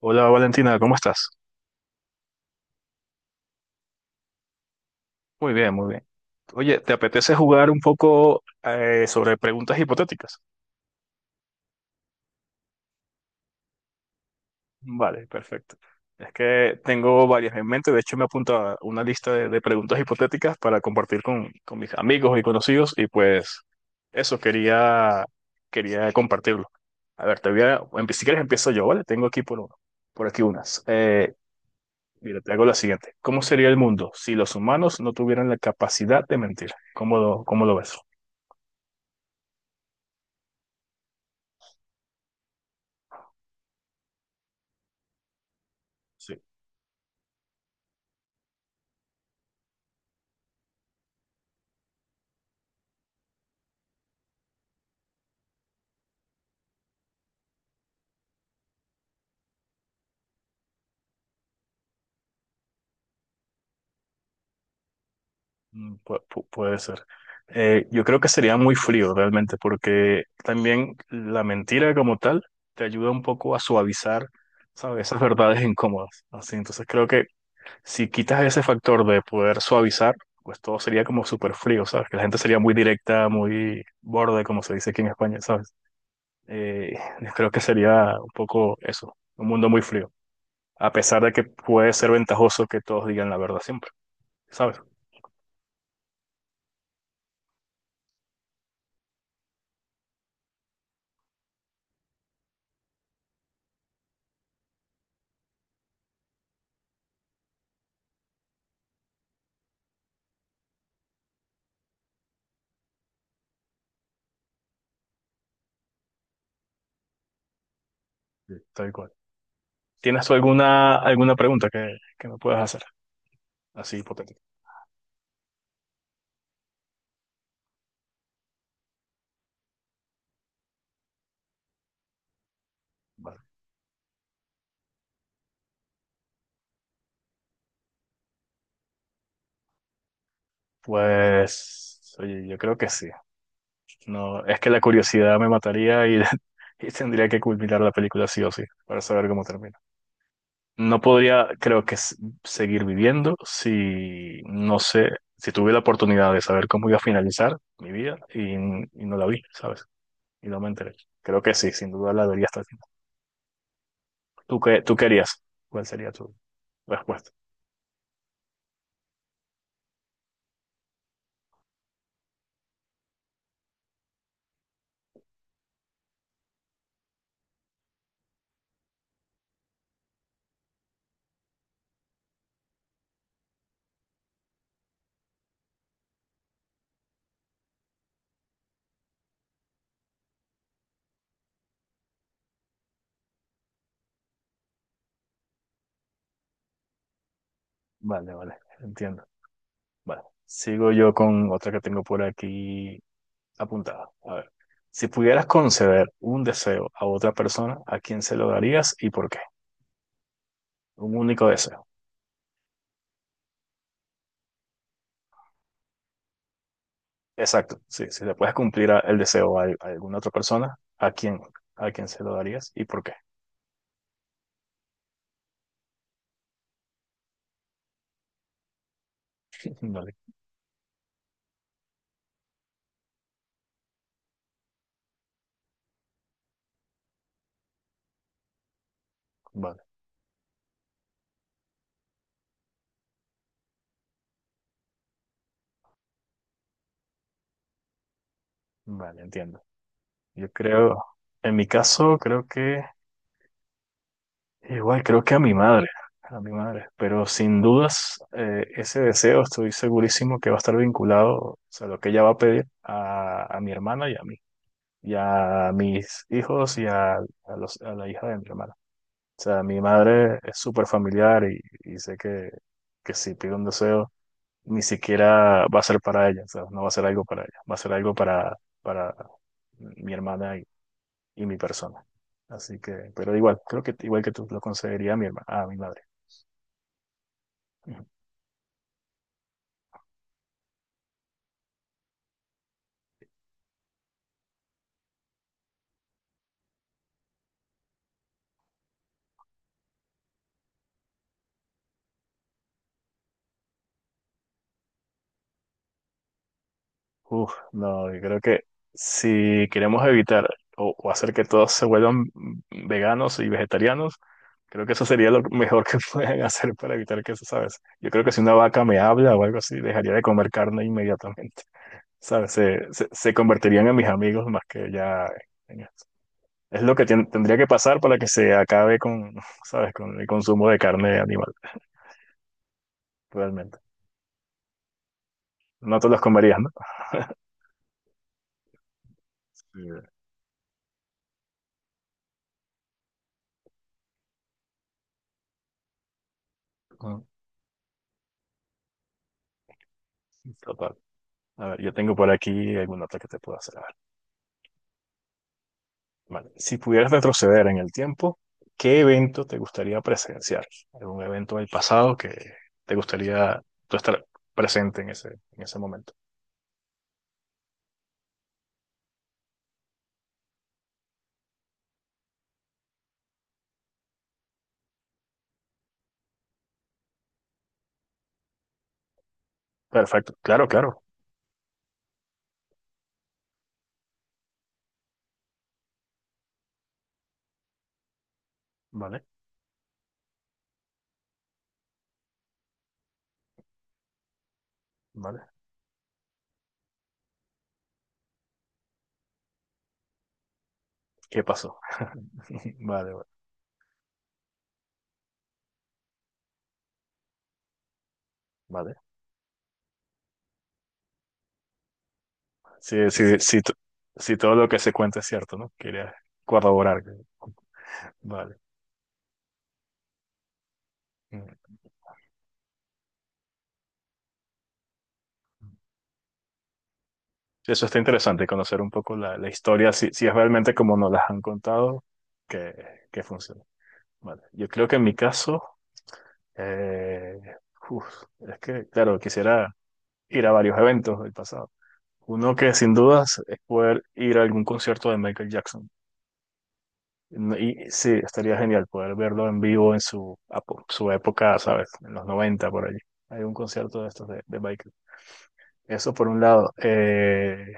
Hola Valentina, ¿cómo estás? Muy bien, muy bien. Oye, ¿te apetece jugar un poco sobre preguntas hipotéticas? Vale, perfecto. Es que tengo varias en mente, de hecho me apunto a una lista de preguntas hipotéticas para compartir con mis amigos y conocidos y pues eso quería, compartirlo. A ver, te si quieres empiezo yo, ¿vale? Tengo aquí por aquí unas. Mira, te hago la siguiente. ¿Cómo sería el mundo si los humanos no tuvieran la capacidad de mentir? ¿Cómo lo ves? Sí. Puede ser. Yo creo que sería muy frío realmente, porque también la mentira como tal te ayuda un poco a suavizar, ¿sabes? Esas verdades incómodas. Así, entonces creo que si quitas ese factor de poder suavizar, pues todo sería como súper frío, ¿sabes? Que la gente sería muy directa, muy borde, como se dice aquí en España, ¿sabes? Yo creo que sería un poco eso, un mundo muy frío, a pesar de que puede ser ventajoso que todos digan la verdad siempre, ¿sabes? Sí. Tal cual. ¿Tienes tú alguna pregunta que me puedas hacer? Así hipotética. Vale. Pues, oye, yo creo que sí. No, es que la curiosidad me mataría y, y tendría que culminar la película sí o sí, para saber cómo termina. No podría, creo que, seguir viviendo si, no sé, si tuve la oportunidad de saber cómo iba a finalizar mi vida y no la vi, ¿sabes? Y no me enteré. Creo que sí, sin duda la vería hasta el final. Tú querías? ¿Cuál sería tu respuesta? Vale, vale, entiendo. Bueno, sigo yo con otra que tengo por aquí apuntada. A ver, si pudieras conceder un deseo a otra persona, ¿a quién se lo darías y por qué? Un único deseo. Exacto, sí, si le puedes cumplir el deseo a alguna otra persona, ¿a quién? ¿A quién se lo darías y por qué? Vale, vale, vale, entiendo. Yo creo, en mi caso, creo que igual creo que a mi madre, pero sin dudas ese deseo estoy segurísimo que va a estar vinculado, o sea, lo que ella va a pedir a mi hermana y a mí, y a mis hijos y a la hija de mi hermana. O sea, mi madre es súper familiar y sé que si pide un deseo, ni siquiera va a ser para ella, o sea, no va a ser algo para ella, va a ser algo para mi hermana y mi persona. Así que, pero igual, creo que igual que tú lo conseguiría a mi a mi madre. Uf, no, yo creo que si queremos evitar o hacer que todos se vuelvan veganos y vegetarianos, creo que eso sería lo mejor que pueden hacer para evitar que eso, ¿sabes? Yo creo que si una vaca me habla o algo así, dejaría de comer carne inmediatamente, ¿sabes? Se convertirían en mis amigos más que ya en esto. Es lo que tendría que pasar para que se acabe con, ¿sabes? Con el consumo de carne animal, realmente. No te los comerías, ¿no? Sí. Ujú. Total. A ver, yo tengo por aquí alguna otra que te puedo hacer. A ver, vale. Si pudieras retroceder en el tiempo, ¿qué evento te gustaría presenciar? ¿Algún evento del pasado que te gustaría tú estar presente en en ese momento? Perfecto, claro, claro. Vale, vale. ¿Qué pasó? Vale, vale. Vale. Sí, sí, sí, sí, todo lo que se cuenta es cierto, ¿no? Quería corroborar. Vale. Mm. Eso está interesante, conocer un poco la historia, si es realmente como nos las han contado, que, que funciona. Vale, yo creo que en mi caso, eh, uf, es que, claro, quisiera ir a varios eventos del pasado. Uno que sin dudas es poder ir a algún concierto de Michael Jackson. No- Y sí, estaría genial poder verlo en vivo en su época, ¿sabes? En los 90 por allí. Hay un concierto de estos de Michael. Eso por un lado. Eh,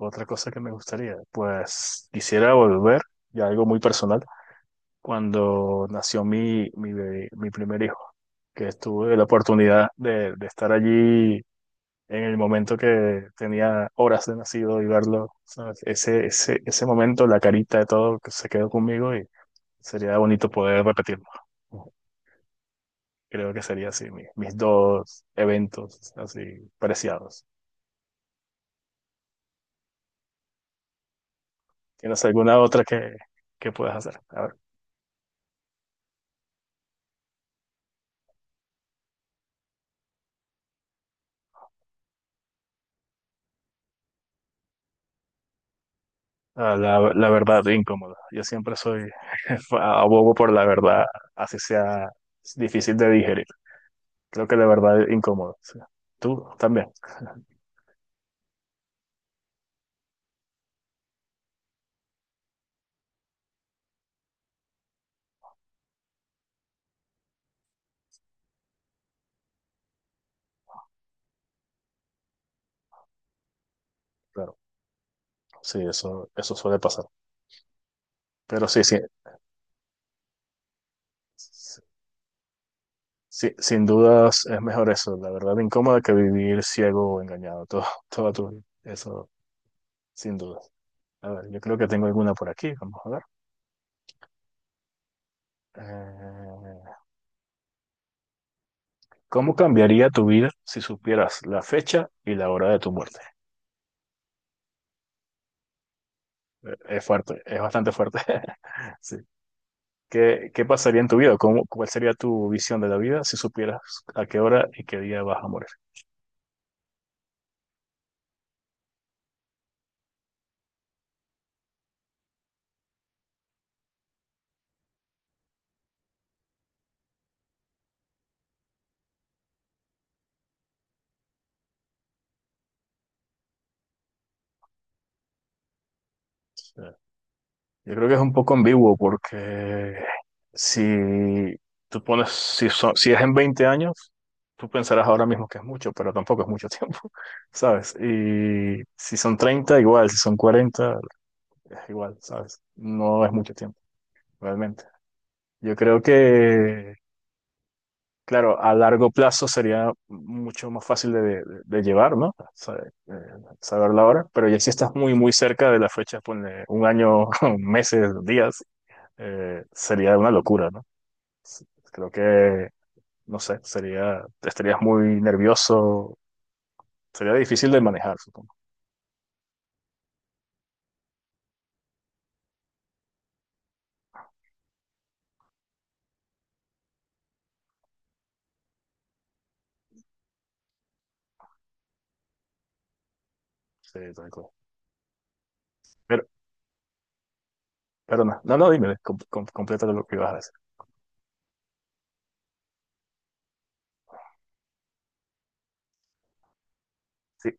otra cosa que me gustaría, pues quisiera volver, y algo muy personal, cuando nació mi primer hijo. Que tuve la oportunidad de estar allí en el momento que tenía horas de nacido y verlo, ¿sabes? Ese momento, la carita de todo que se quedó conmigo y sería bonito poder repetirlo. Creo que sería así, mis dos eventos así preciados. ¿Tienes alguna otra que puedas hacer? A ver. Ah, la verdad incómoda. Yo siempre soy abogo por la verdad, así sea difícil de digerir. Creo que la verdad es incómodo. Sí. Tú también. Claro, sí, eso suele pasar. Pero sí, sí, sí, sí, sin dudas es mejor eso, la verdad incómoda que vivir ciego o engañado toda tu vida. Eso, sin dudas. A ver, yo creo que tengo alguna por aquí, vamos a ver. Eh, ¿cómo cambiaría tu vida si supieras la fecha y la hora de tu muerte? Es fuerte, es bastante fuerte. Sí. ¿Qué pasaría en tu vida? ¿Cómo, cuál sería tu visión de la vida si supieras a qué hora y qué día vas a morir? Sí. Yo creo que es un poco ambiguo porque si tú pones, si es en 20 años, tú pensarás ahora mismo que es mucho, pero tampoco es mucho tiempo, ¿sabes? Y si son 30 igual, si son 40 es igual, ¿sabes? No es mucho tiempo, realmente. Yo creo que, claro, a largo plazo sería mucho más fácil de llevar, ¿no? Saber, saber la hora, pero ya si estás muy, muy cerca de la fecha, ponle un año, meses, días. Sería una locura, ¿no? S- Creo que, no sé, sería, estarías muy nervioso, sería difícil de manejar, supongo. Sí, tal cual. Pero, pero no, no, no, dime, completa lo que ibas a decir. Sí,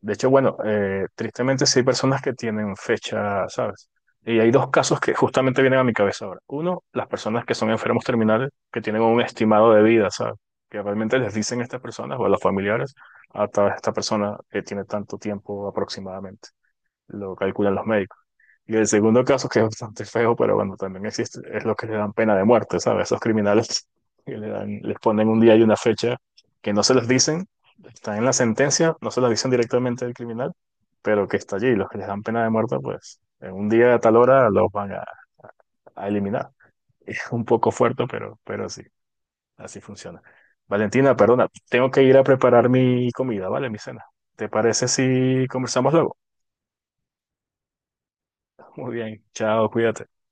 de hecho, bueno, tristemente sí hay personas que tienen fecha, ¿sabes? Y hay dos casos que justamente vienen a mi cabeza ahora. Uno, las personas que son enfermos terminales, que tienen un estimado de vida, ¿sabes? Que realmente les dicen a estas personas o a los familiares, a esta persona que tiene tanto tiempo aproximadamente. Lo calculan los médicos. Y el segundo caso, que es bastante feo, pero bueno, también existe, es lo que le dan pena de muerte, ¿sabes? Esos criminales que le dan, les ponen un día y una fecha que no se los dicen, están en la sentencia, no se los dicen directamente al criminal, pero que está allí. Los que les dan pena de muerte, pues en un día a tal hora los van a eliminar. Es un poco fuerte, pero sí, así funciona. Valentina, perdona, tengo que ir a preparar mi comida, ¿vale? Mi cena. ¿Te parece si conversamos luego? Muy bien, chao, cuídate.